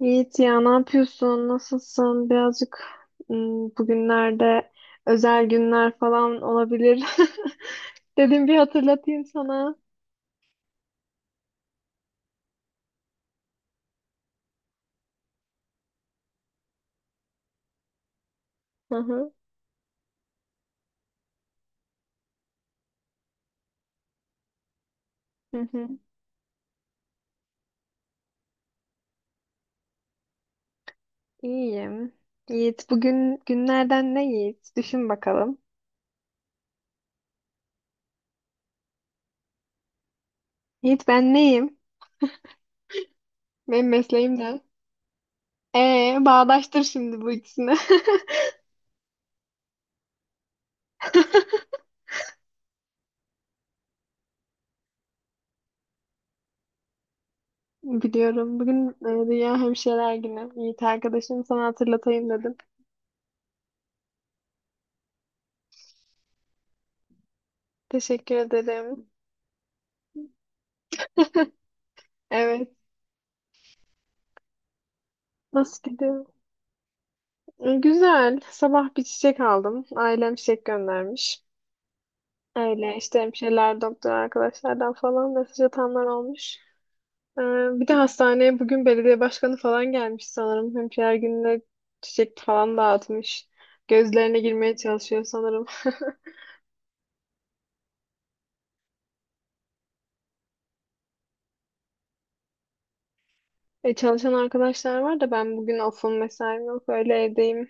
Yiğit ya ne yapıyorsun? Nasılsın? Birazcık bugünlerde özel günler falan olabilir. Dedim bir hatırlatayım sana. Hı hı. Hı hı. İyiyim. Yiğit bugün günlerden ne Yiğit? Düşün bakalım. Yiğit ben neyim? Benim mesleğim ne? Bağdaştır şimdi bu ikisini. Biliyorum. Bugün Dünya Hemşireler Günü. Yiğit arkadaşım sana hatırlatayım dedim. Teşekkür ederim. Evet. Nasıl gidiyor? Güzel. Sabah bir çiçek aldım. Ailem çiçek göndermiş. Öyle işte hemşireler, doktor arkadaşlardan falan mesaj atanlar olmuş. Ee, bir de hastaneye bugün belediye başkanı falan gelmiş sanırım. Hemşireler gününe çiçek falan dağıtmış. Gözlerine girmeye çalışıyor sanırım. Çalışan arkadaşlar var da ben bugün ofum mesaim yok. Öyle evdeyim.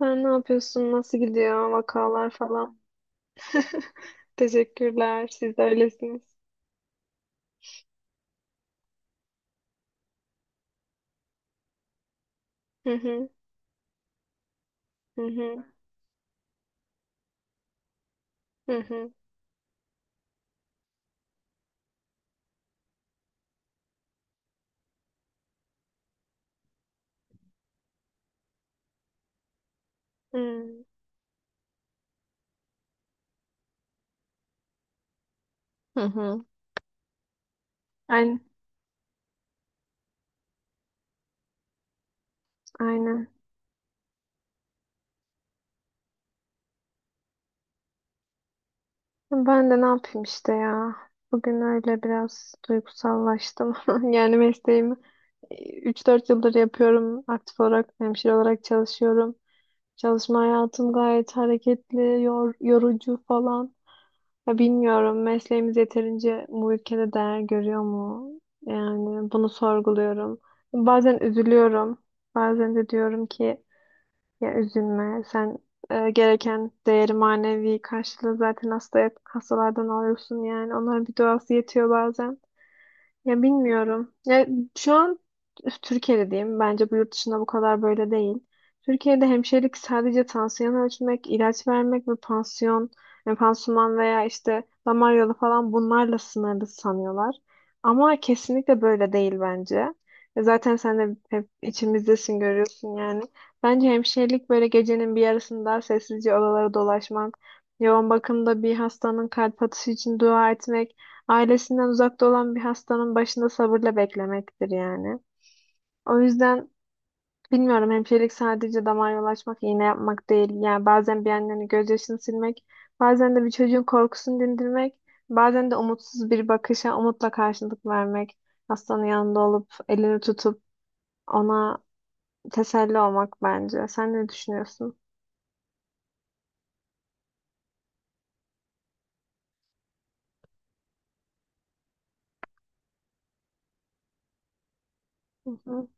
Sen ne yapıyorsun? Nasıl gidiyor? Vakalar falan. Teşekkürler. Siz de öylesiniz. Hı hı. Hı hı. Hı hı. Hmm. Hı hı. Aynen. Aynen. Ben de ne yapayım işte ya. Bugün öyle biraz duygusallaştım. Yani mesleğimi üç dört yıldır yapıyorum. Aktif olarak hemşire olarak çalışıyorum. Çalışma hayatım gayet hareketli, yorucu falan. Ya bilmiyorum mesleğimiz yeterince bu ülkede değer görüyor mu? Yani bunu sorguluyorum. Bazen üzülüyorum. Bazen de diyorum ki ya üzülme. Sen gereken değeri manevi karşılığı zaten hasta, hastalardan alıyorsun yani. Onların bir duası yetiyor bazen. Ya bilmiyorum. Ya şu an Türkiye'de diyeyim. Bence bu yurt dışında bu kadar böyle değil. Türkiye'de hemşirelik sadece tansiyon ölçmek, ilaç vermek ve pansiyon, yani pansuman veya işte damar yolu falan bunlarla sınırlı sanıyorlar. Ama kesinlikle böyle değil bence. E zaten sen de hep içimizdesin görüyorsun yani. Bence hemşirelik böyle gecenin bir yarısında sessizce odalara dolaşmak, yoğun bakımda bir hastanın kalp atışı için dua etmek, ailesinden uzakta olan bir hastanın başında sabırla beklemektir yani. O yüzden bilmiyorum hemşirelik sadece damar yolu açmak, iğne yapmak değil. Yani bazen bir annenin gözyaşını silmek, bazen de bir çocuğun korkusunu dindirmek, bazen de umutsuz bir bakışa umutla karşılık vermek. Hastanın yanında olup elini tutup ona teselli olmak bence. Sen ne düşünüyorsun? Hı hı.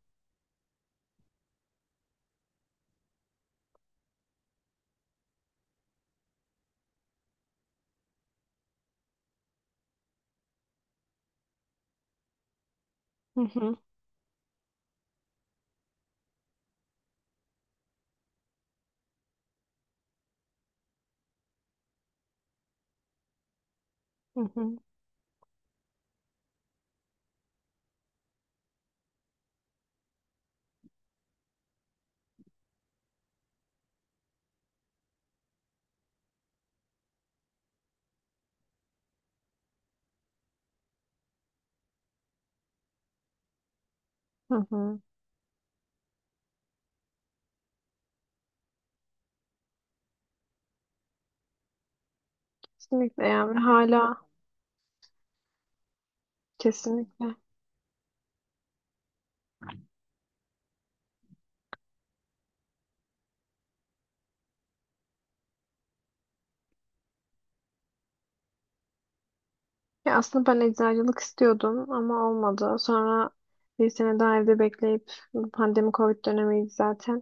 Hı hı. Hı hı. Hı hı. Kesinlikle yani hala kesinlikle. Ya aslında ben eczacılık istiyordum ama olmadı. Sonra bir sene daha evde bekleyip bu pandemi Covid dönemiydi zaten.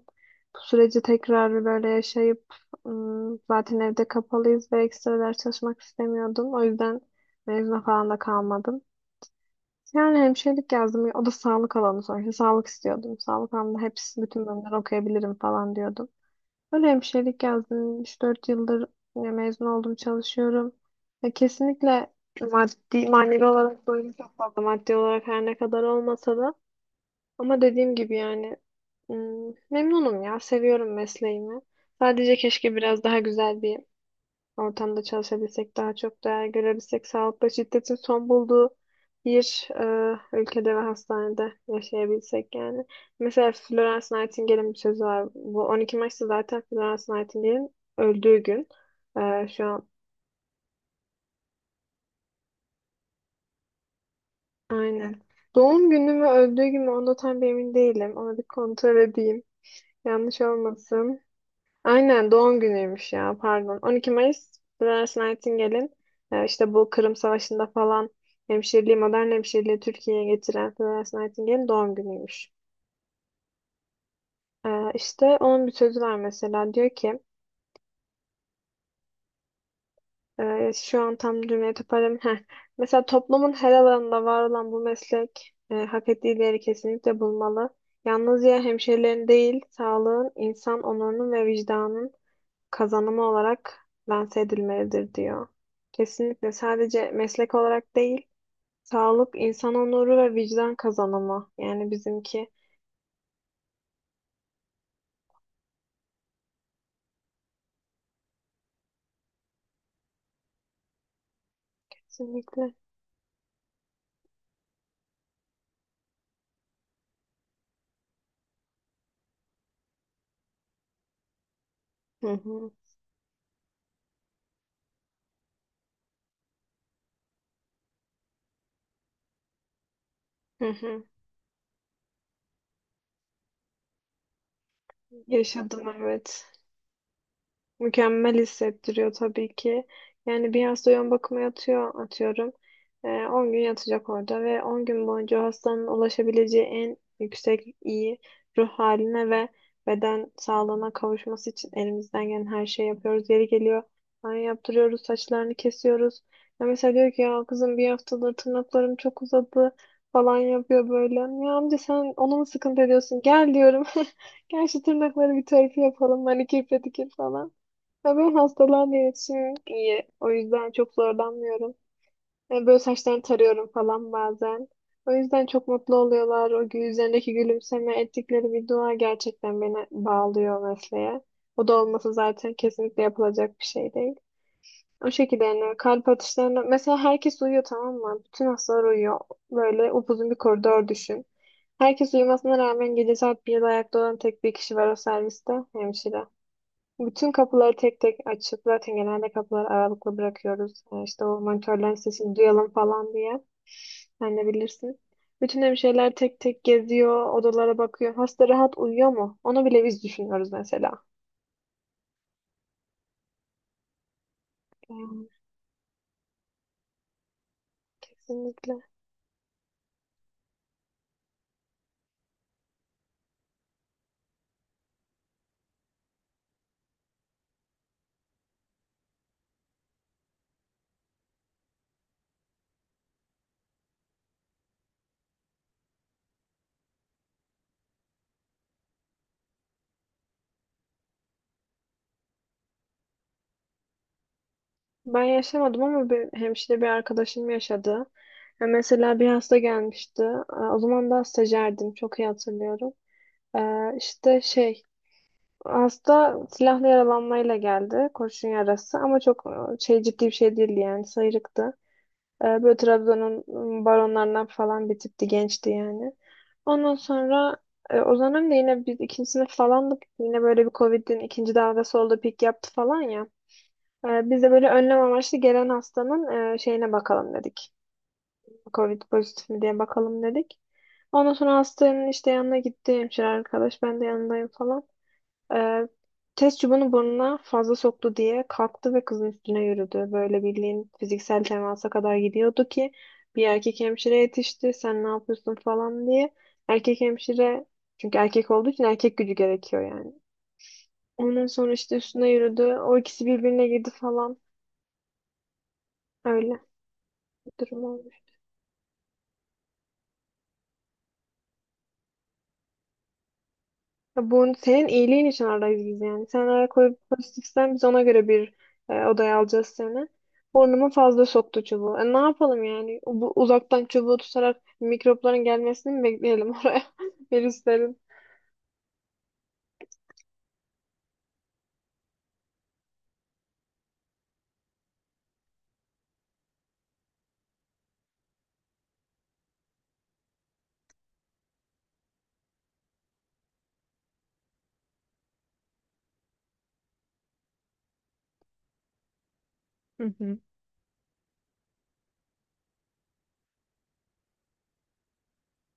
Bu süreci tekrar bir böyle yaşayıp zaten evde kapalıyız ve ekstra ders çalışmak istemiyordum. O yüzden mezuna falan da kalmadım. Yani hemşirelik yazdım. O da sağlık alanı sonuçta. Sağlık istiyordum. Sağlık alanında hepsi bütün bölümleri okuyabilirim falan diyordum. Ben hemşirelik yazdım. Üç dört yıldır ya mezun oldum, çalışıyorum. Ya kesinlikle maddi, manevi olarak doyum çok fazla. Maddi olarak her ne kadar olmasa da. Ama dediğim gibi yani memnunum ya. Seviyorum mesleğimi. Sadece keşke biraz daha güzel bir ortamda çalışabilsek, daha çok değer görebilsek, sağlıkta şiddetin son bulduğu bir ülkede ve hastanede yaşayabilsek yani. Mesela Florence Nightingale'in bir sözü var. Bu 12 Mayıs'ta zaten Florence Nightingale'in öldüğü gün. Şu an aynen. Doğum günü mü öldüğü gün mü onda tam bir emin değilim. Onu bir kontrol edeyim. Yanlış olmasın. Aynen doğum günüymüş ya pardon. 12 Mayıs Florence Nightingale'in işte bu Kırım Savaşı'nda falan hemşireliği, modern hemşireliği Türkiye'ye getiren Florence Nightingale'in doğum günüymüş. E, işte onun bir sözü var mesela diyor ki şu an tam cümleyi toparlayayım. Heh. Mesela toplumun her alanında var olan bu meslek hak ettiği değeri kesinlikle bulmalı. Yalnızca hemşirelerin değil, sağlığın, insan onurunun ve vicdanın kazanımı olarak lanse edilmelidir diyor. Kesinlikle sadece meslek olarak değil, sağlık, insan onuru ve vicdan kazanımı. Yani bizimki kesinlikle. Hı hı. Hı hı. Yaşadım evet. Mükemmel hissettiriyor tabii ki. Yani bir hasta yoğun bakıma yatıyor atıyorum. 10 gün yatacak orada ve 10 gün boyunca o hastanın ulaşabileceği en yüksek iyi ruh haline ve beden sağlığına kavuşması için elimizden gelen her şeyi yapıyoruz. Yeri geliyor banyo yaptırıyoruz, saçlarını kesiyoruz. Ya mesela diyor ki ya kızım bir haftadır tırnaklarım çok uzadı falan yapıyor böyle. Ya amca sen onu mu sıkıntı ediyorsun? Gel diyorum. Gel şu tırnakları bir tarifi yapalım. Manikür pedikür falan. Ya ben hastalarla iletişimim iyi. O yüzden çok zorlanmıyorum. Yani böyle saçlarını tarıyorum falan bazen. O yüzden çok mutlu oluyorlar. Üzerindeki gülümseme ettikleri bir dua gerçekten beni bağlıyor mesleğe. O da olması zaten kesinlikle yapılacak bir şey değil. O şekilde yani kalp atışlarına mesela herkes uyuyor tamam mı? Bütün hastalar uyuyor. Böyle upuzun bir koridor düşün. Herkes uyumasına rağmen gece saat 1'de ayakta olan tek bir kişi var o serviste. Hemşire. Bütün kapıları tek tek açıp zaten genelde kapıları aralıklı bırakıyoruz. İşte o monitörlerin sesini duyalım falan diye. Sen de bilirsin. Bütün hemşireler tek tek geziyor, odalara bakıyor. Hasta rahat uyuyor mu? Onu bile biz düşünüyoruz mesela. Yani kesinlikle. Ben yaşamadım ama bir hemşire bir arkadaşım yaşadı. Ya mesela bir hasta gelmişti. O zaman daha stajyerdim. Çok iyi hatırlıyorum. Ee, işte şey Hasta silahlı yaralanmayla geldi. Kurşun yarası ama çok ciddi bir şey değildi yani sıyrıktı. Böyle Trabzon'un baronlarından falan bir tipti gençti yani. Ondan sonra o zaman da yine biz ikinci sınıf falandık. Yine böyle bir Covid'in ikinci dalgası oldu, pik yaptı falan ya. Biz de böyle önlem amaçlı gelen hastanın şeyine bakalım dedik. Covid pozitif mi diye bakalım dedik. Ondan sonra hastanın işte yanına gitti hemşire arkadaş. Ben de yanındayım falan. Ee, test çubuğunu burnuna fazla soktu diye kalktı ve kızın üstüne yürüdü. Böyle bildiğin fiziksel temasa kadar gidiyordu ki bir erkek hemşire yetişti. Sen ne yapıyorsun falan diye. Erkek hemşire çünkü erkek olduğu için erkek gücü gerekiyor yani. Ondan sonra işte üstüne yürüdü. O ikisi birbirine girdi falan. Öyle bir durum oldu. Ya bu senin iyiliğin için aradayız biz yani. Sen eğer pozitifsen biz ona göre bir odaya alacağız seni. Burnuma fazla soktu çubuğu. E, ne yapalım yani? Bu, uzaktan çubuğu tutarak mikropların gelmesini mi bekleyelim oraya? Virüslerin. Hı hı.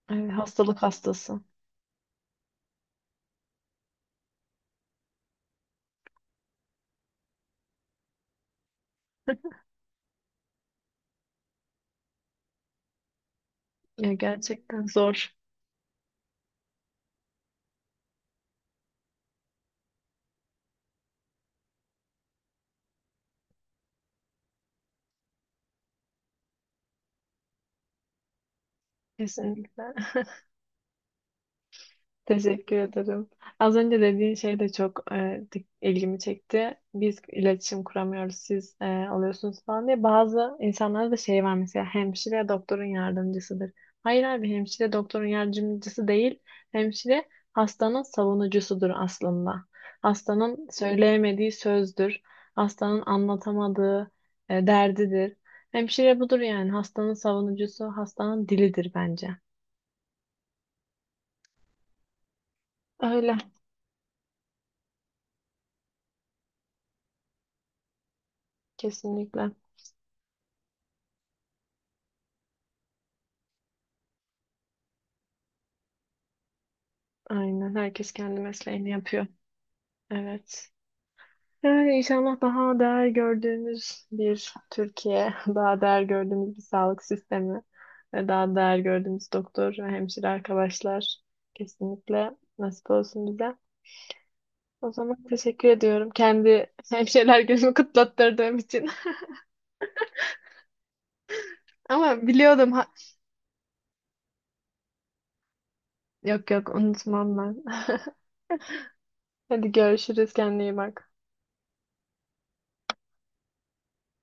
Evet, hastalık hastası. Ya gerçekten zor. Evet. Kesinlikle. Teşekkür ederim. Az önce dediğin şey de çok ilgimi çekti. Biz iletişim kuramıyoruz, siz alıyorsunuz falan diye. Bazı insanlara da şey var mesela hemşire doktorun yardımcısıdır. Hayır abi hemşire doktorun yardımcısı değil. Hemşire hastanın savunucusudur aslında. Hastanın söyleyemediği sözdür. Hastanın anlatamadığı derdidir. Hemşire budur yani hastanın savunucusu, hastanın dilidir bence. Öyle kesinlikle. Aynen. Herkes kendi mesleğini yapıyor. Evet. Yani inşallah daha değer gördüğümüz bir Türkiye, daha değer gördüğümüz bir sağlık sistemi ve daha değer gördüğümüz doktor ve hemşire arkadaşlar kesinlikle nasip olsun bize. O zaman teşekkür ediyorum. Kendi hemşireler gözümü kutlattırdığım için. Ama biliyordum. Ha... Yok yok unutmam ben. Hadi görüşürüz. Kendine iyi bak.